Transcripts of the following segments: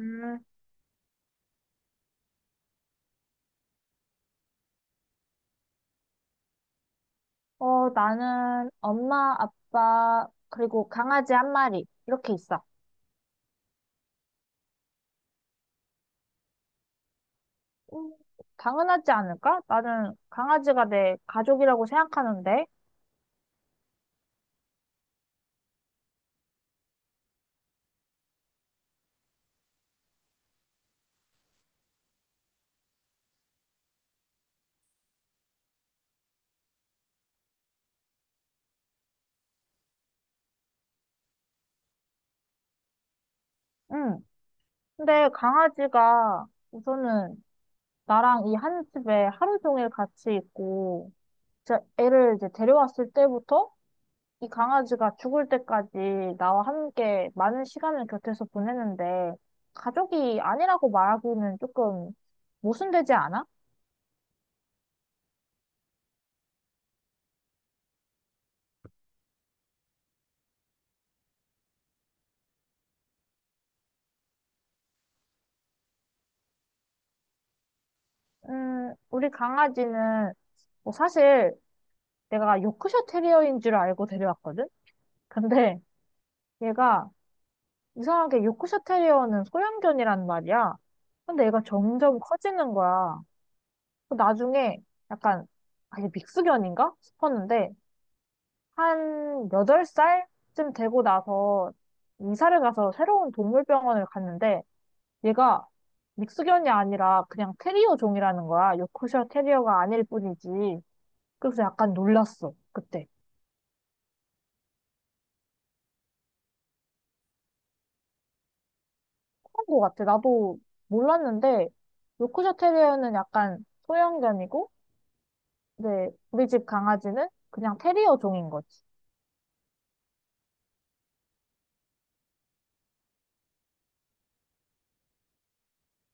음, 나는 엄마, 아빠, 그리고 강아지 한 마리, 이렇게 있어. 음, 당연하지 않을까? 나는 강아지가 내 가족이라고 생각하는데, 음, 근데 강아지가 우선은 나랑 이 한 집에 하루 종일 같이 있고, 진 애를 이제 데려왔을 때부터 이 강아지가 죽을 때까지 나와 함께 많은 시간을 곁에서 보내는데, 가족이 아니라고 말하기는 조금 모순되지 않아? 우리 강아지는 뭐 사실 내가 요크셔 테리어인 줄 알고 데려왔거든? 근데 얘가 이상하게 요크셔 테리어는 소형견이란 말이야. 근데 얘가 점점 커지는 거야. 그 나중에 약간 아예 믹스견인가 싶었는데 한 8살쯤 되고 나서 이사를 가서 새로운 동물병원을 갔는데 얘가 믹스견이 아니라 그냥 테리어 종이라는 거야. 요크셔 테리어가 아닐 뿐이지. 그래서 약간 놀랐어, 그때. 그런 거 같아. 나도 몰랐는데, 요크셔 테리어는 약간 소형견이고, 이제 우리 집 강아지는 그냥 테리어 종인 거지.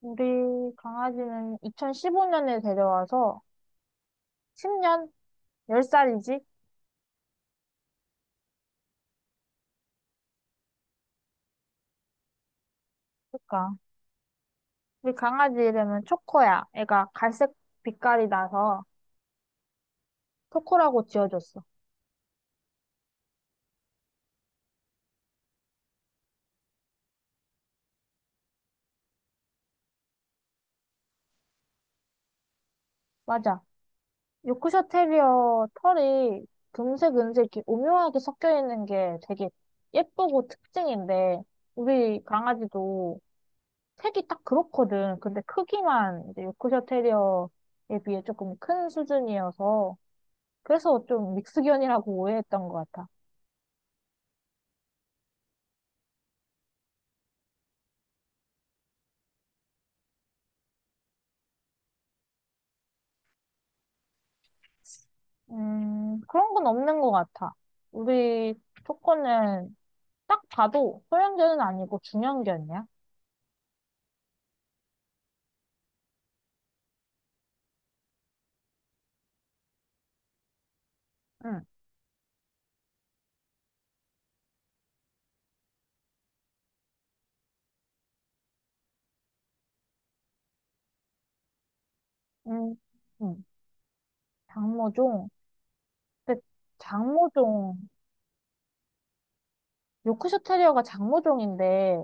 우리 강아지는 2015년에 데려와서 10년? 10살이지? 그러니까. 우리 강아지 이름은 초코야. 애가 갈색 빛깔이 나서 초코라고 지어줬어. 맞아. 요크셔 테리어 털이 금색, 은색 이렇게 오묘하게 섞여 있는 게 되게 예쁘고 특징인데 우리 강아지도 색이 딱 그렇거든. 근데 크기만 이제 요크셔 테리어에 비해 조금 큰 수준이어서 그래서 좀 믹스견이라고 오해했던 것 같아. 그런 건 없는 것 같아. 우리 초코는 딱 봐도 소형견은 아니고 중형견이야. 응. 음, 음, 장모종. 근데 장모종 요크셔 테리어가 장모종인데,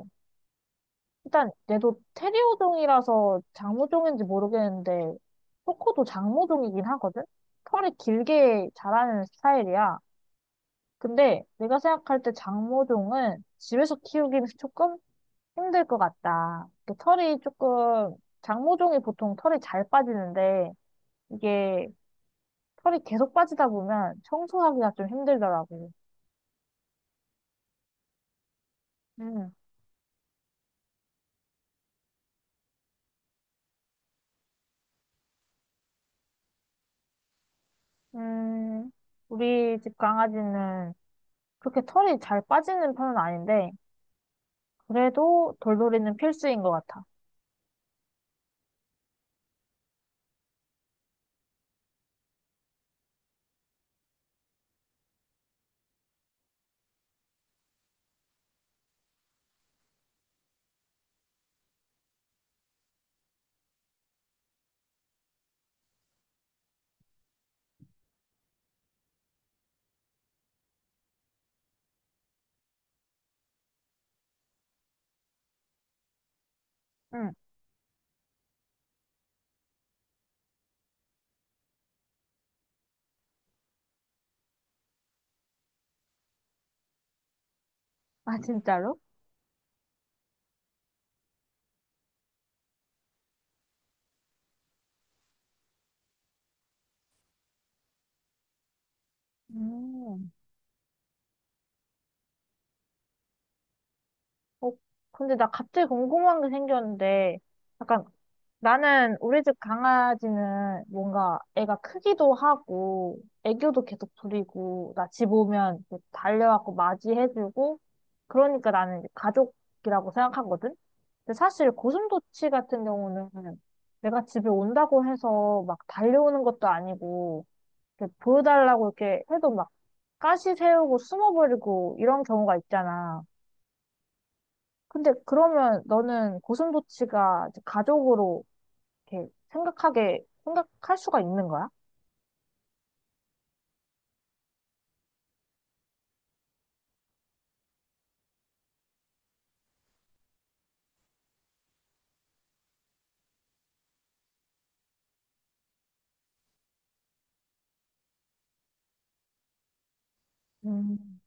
일단 얘도 테리어종이라서 장모종인지 모르겠는데, 코코도 장모종이긴 하거든? 털이 길게 자라는 스타일이야. 근데 내가 생각할 때 장모종은 집에서 키우기는 조금 힘들 것 같다. 그 털이 조금, 장모종이 보통 털이 잘 빠지는데, 이게 털이 계속 빠지다 보면 청소하기가 좀 힘들더라고. 음, 음, 우리 집 강아지는 그렇게 털이 잘 빠지는 편은 아닌데, 그래도 돌돌이는 필수인 것 같아. 응. 아, 진짜로? 음. 어, 근데 나 갑자기 궁금한 게 생겼는데, 약간 나는 우리 집 강아지는 뭔가 애가 크기도 하고, 애교도 계속 부리고, 나 집 오면 이렇게 달려와서 맞이해주고, 그러니까 나는 이제 가족이라고 생각하거든? 근데 사실 고슴도치 같은 경우는 내가 집에 온다고 해서 막 달려오는 것도 아니고, 이렇게 보여달라고 이렇게 해도 막 가시 세우고 숨어버리고 이런 경우가 있잖아. 근데 그러면 너는 고슴도치가 이제 가족으로 생각할 수가 있는 거야? 음,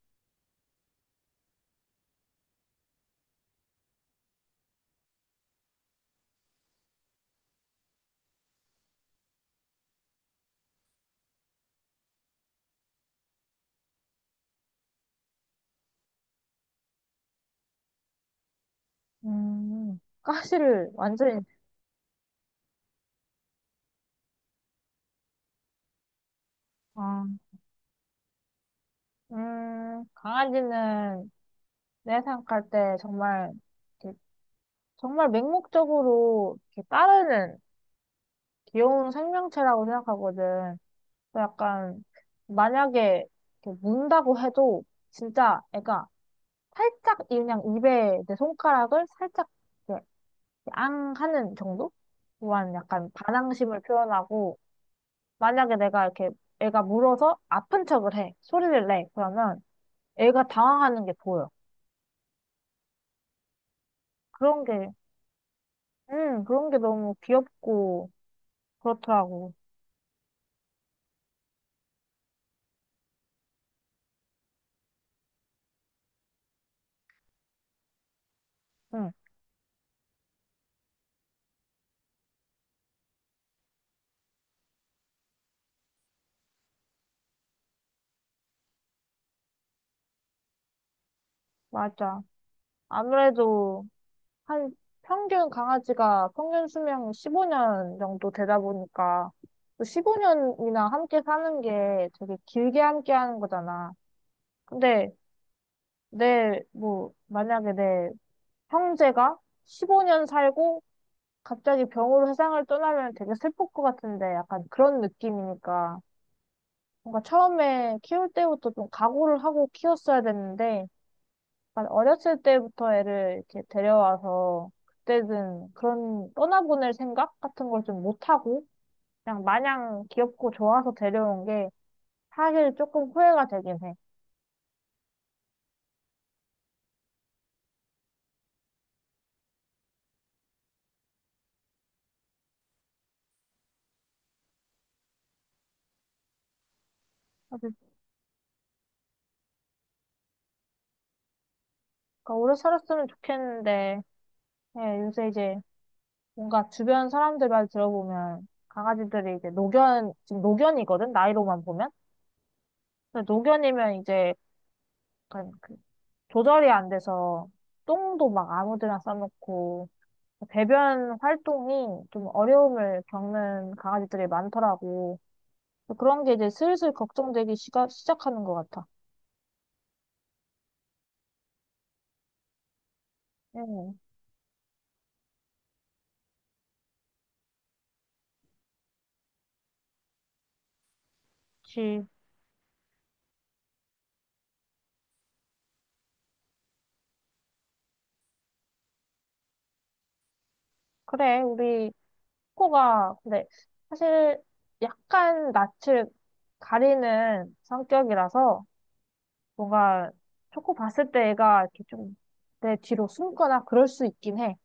가시를 완전히, 아, 강아지는 내 생각할 때 정말, 이렇게 정말 맹목적으로 이렇게 따르는 귀여운 생명체라고 생각하거든. 약간 만약에 이렇게 문다고 해도 진짜 애가 살짝 그냥 입에 내 손가락을 살짝 이렇게 앙 하는 정도만 약간 반항심을 표현하고 만약에 내가 이렇게 애가 물어서 아픈 척을 해 소리를 내 그러면 애가 당황하는 게 보여. 그런 게 그런 게 너무 귀엽고 그렇더라고. 응. 맞아. 아무래도 한 평균 강아지가 평균 수명 15년 정도 되다 보니까 15년이나 함께 사는 게 되게 길게 함께 하는 거잖아. 근데 내, 뭐, 만약에 내 형제가 15년 살고 갑자기 병으로 세상을 떠나면 되게 슬플 것 같은데 약간 그런 느낌이니까 뭔가 처음에 키울 때부터 좀 각오를 하고 키웠어야 됐는데 약간 어렸을 때부터 애를 이렇게 데려와서 그때는 그런 떠나보낼 생각 같은 걸 좀 못하고 그냥 마냥 귀엽고 좋아서 데려온 게 사실 조금 후회가 되긴 해. 그러니까 오래 살았으면 좋겠는데 예, 요새 이제 뭔가 주변 사람들 말 들어보면 강아지들이 이제 노견 지금 노견이거든 나이로만 보면 근데 노견이면 이제 약간 그 조절이 안 돼서 똥도 막 아무데나 싸놓고 배변 활동이 좀 어려움을 겪는 강아지들이 많더라고. 그런 게 이제 슬슬 걱정되기 시작하는 것 같아. 응, 그치. 그래, 우리 코가, 근데 사실 약간 낯을 가리는 성격이라서 뭔가 초코 봤을 때 애가 이렇게 좀 내 뒤로 숨거나 그럴 수 있긴 해.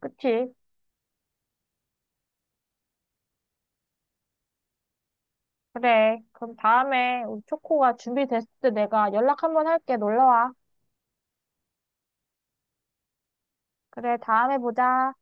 그치. 그래. 그럼 다음에 우리 초코가 준비됐을 때 내가 연락 한번 할게. 놀러와. 그래, 다음에 보자.